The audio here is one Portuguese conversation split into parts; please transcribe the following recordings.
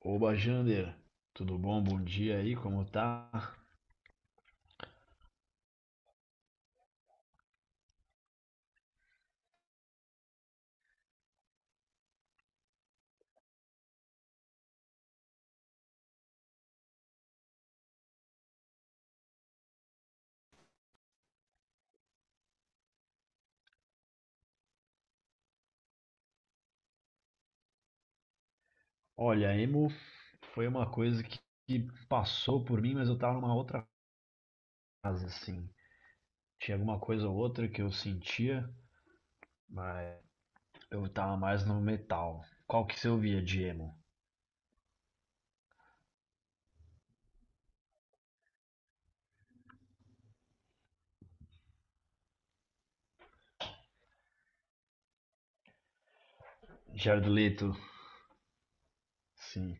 Oba, Jander, tudo bom? Bom dia aí, como tá? Olha, emo foi uma coisa que passou por mim, mas eu tava numa outra fase, assim. Tinha alguma coisa ou outra que eu sentia, mas eu tava mais no metal. Qual que você ouvia de emo? Jared Leto, sim.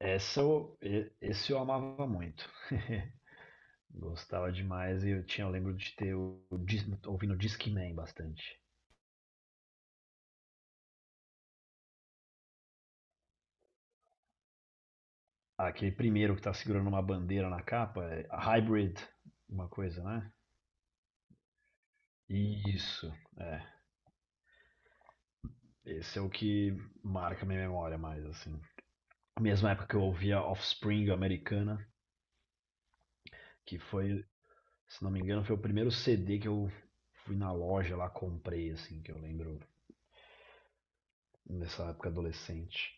Esse eu amava muito. Gostava demais e eu lembro de ter ouvindo Discman bastante. Aquele primeiro que tá segurando uma bandeira na capa, é a Hybrid, uma coisa, né? Isso, é. Esse é o que marca minha memória mais, assim. Mesma época que eu ouvia Offspring americana, que foi, se não me engano, foi o primeiro CD que eu fui na loja lá, comprei, assim, que eu lembro nessa época adolescente.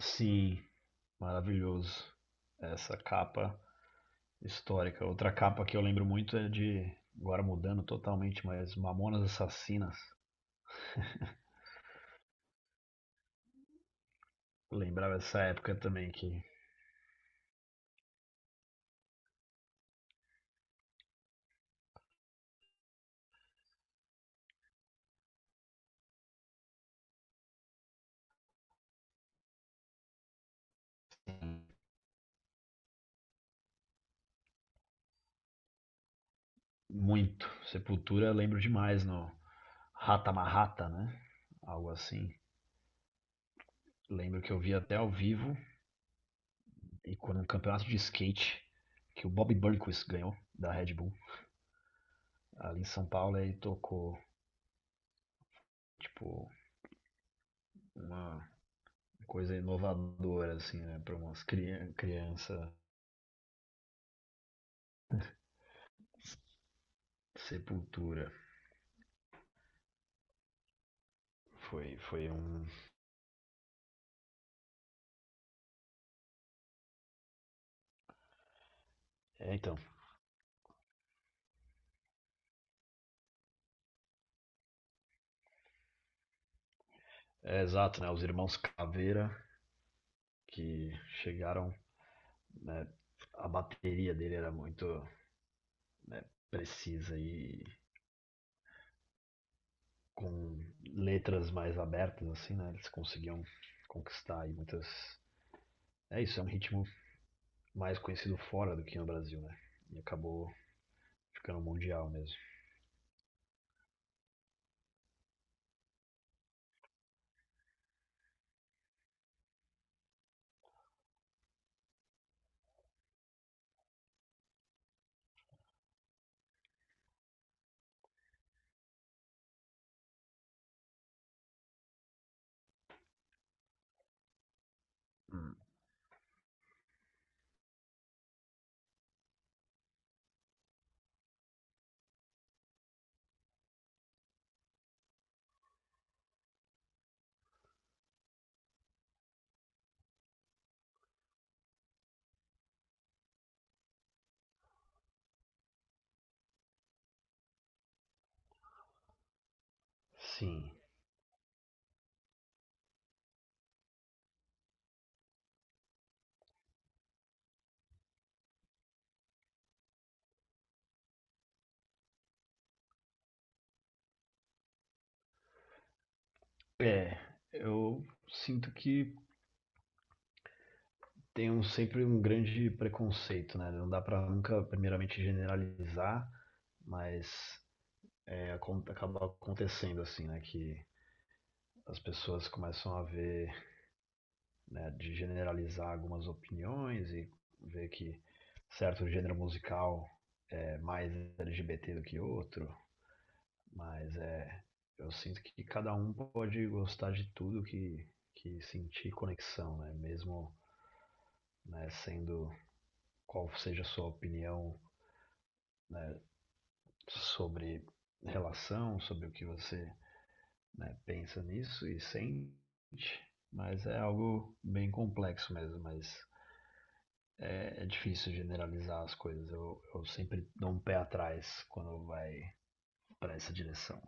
Sim, maravilhoso. Essa capa histórica. Outra capa que eu lembro muito é de, agora mudando totalmente, mas Mamonas Assassinas. Lembrava essa época também que. Muito. Sepultura lembro demais no Rata Marrata, né? Algo assim. Lembro que eu vi até ao vivo e quando no campeonato de skate que o Bob Burnquist ganhou da Red Bull ali em São Paulo ele tocou, tipo, uma coisa inovadora, assim, né, para umas criança sepultura. Foi um, é, então é exato, né, os irmãos Caveira que chegaram, né, a bateria dele era muito, né, precisa, e com letras mais abertas, assim, né? Eles conseguiam conquistar aí muitas. É isso, é um ritmo mais conhecido fora do que no Brasil, né? E acabou ficando mundial mesmo. Hum. Sim. É, eu sinto que tem sempre um grande preconceito, né? Não dá pra nunca, primeiramente, generalizar, mas é, acaba acontecendo assim, né? Que as pessoas começam a ver, né, de generalizar algumas opiniões e ver que certo gênero musical é mais LGBT do que outro, mas é, eu sinto que cada um pode gostar de tudo que sentir conexão, né? Mesmo, né, sendo qual seja a sua opinião, né, sobre relação, sobre o que você, né, pensa nisso e sente, mas é algo bem complexo mesmo, mas é, difícil generalizar as coisas. Eu sempre dou um pé atrás quando vai para essa direção.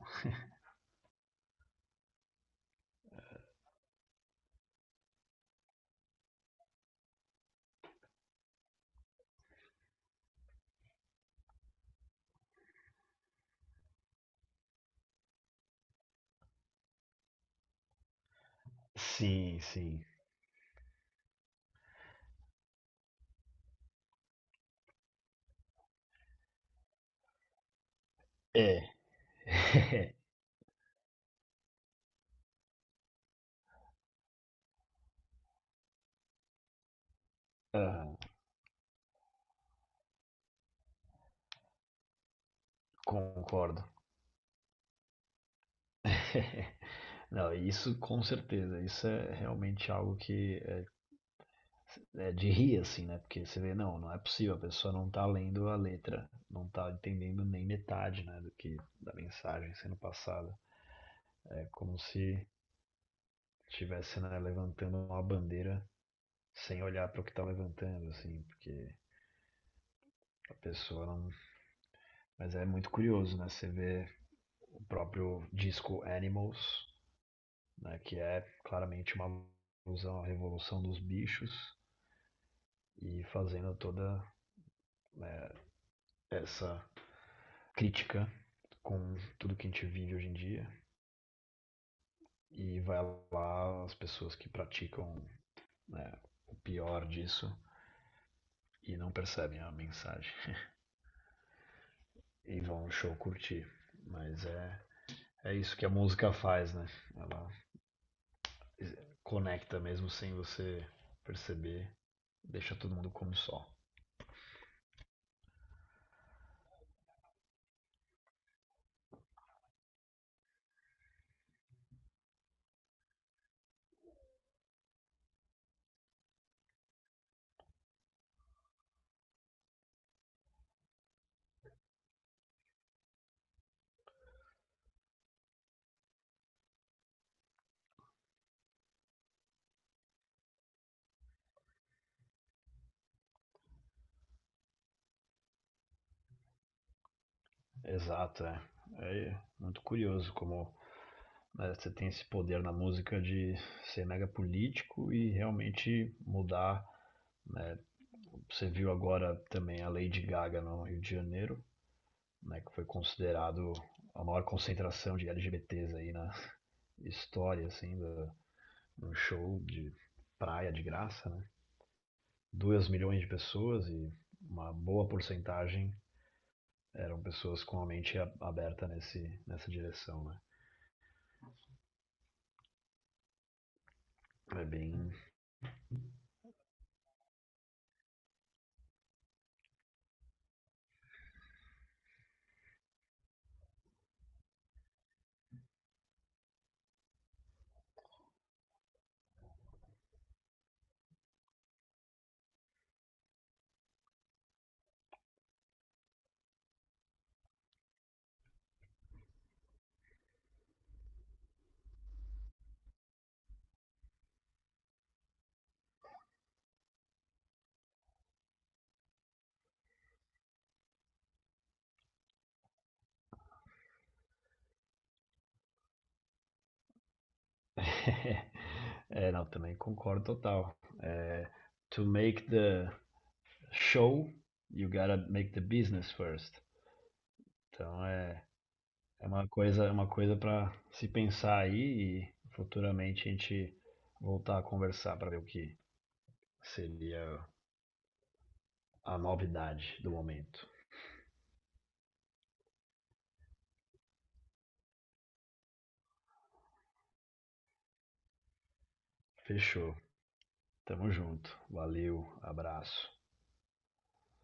Sim, sim. É. Aham, Concordo. Não, isso com certeza. Isso é realmente algo que é de rir, assim, né? Porque você vê, não, não é possível, a pessoa não tá lendo a letra, não tá entendendo nem metade, né, do que da mensagem sendo passada. É como se estivesse, né, levantando uma bandeira sem olhar para o que está levantando, assim, porque a pessoa não. Mas é muito curioso, né? Você vê o próprio disco Animals, né? Que é claramente uma alusão à revolução dos bichos e fazendo toda, né, essa crítica com tudo que a gente vive hoje em dia. E vai lá as pessoas que praticam, né, o pior disso e não percebem a mensagem e vão no show curtir. Mas é isso que a música faz, né? Ela conecta mesmo sem você perceber, deixa todo mundo como só. Exato, é. É muito curioso como, né, você tem esse poder na música de ser mega político e realmente mudar, né? Você viu agora também a Lady Gaga no Rio de Janeiro, né, que foi considerado a maior concentração de LGBTs aí na história, assim, da, um show de praia de graça, né? 2 milhões de pessoas e uma boa porcentagem eram pessoas com a mente aberta nessa direção, né? É bem. É, não, também concordo total. É, to make the show, you gotta make the business first. Então é uma coisa, é uma coisa para se pensar aí e futuramente a gente voltar a conversar para ver o que seria a novidade do momento. Fechou. Tamo junto, valeu, abraço.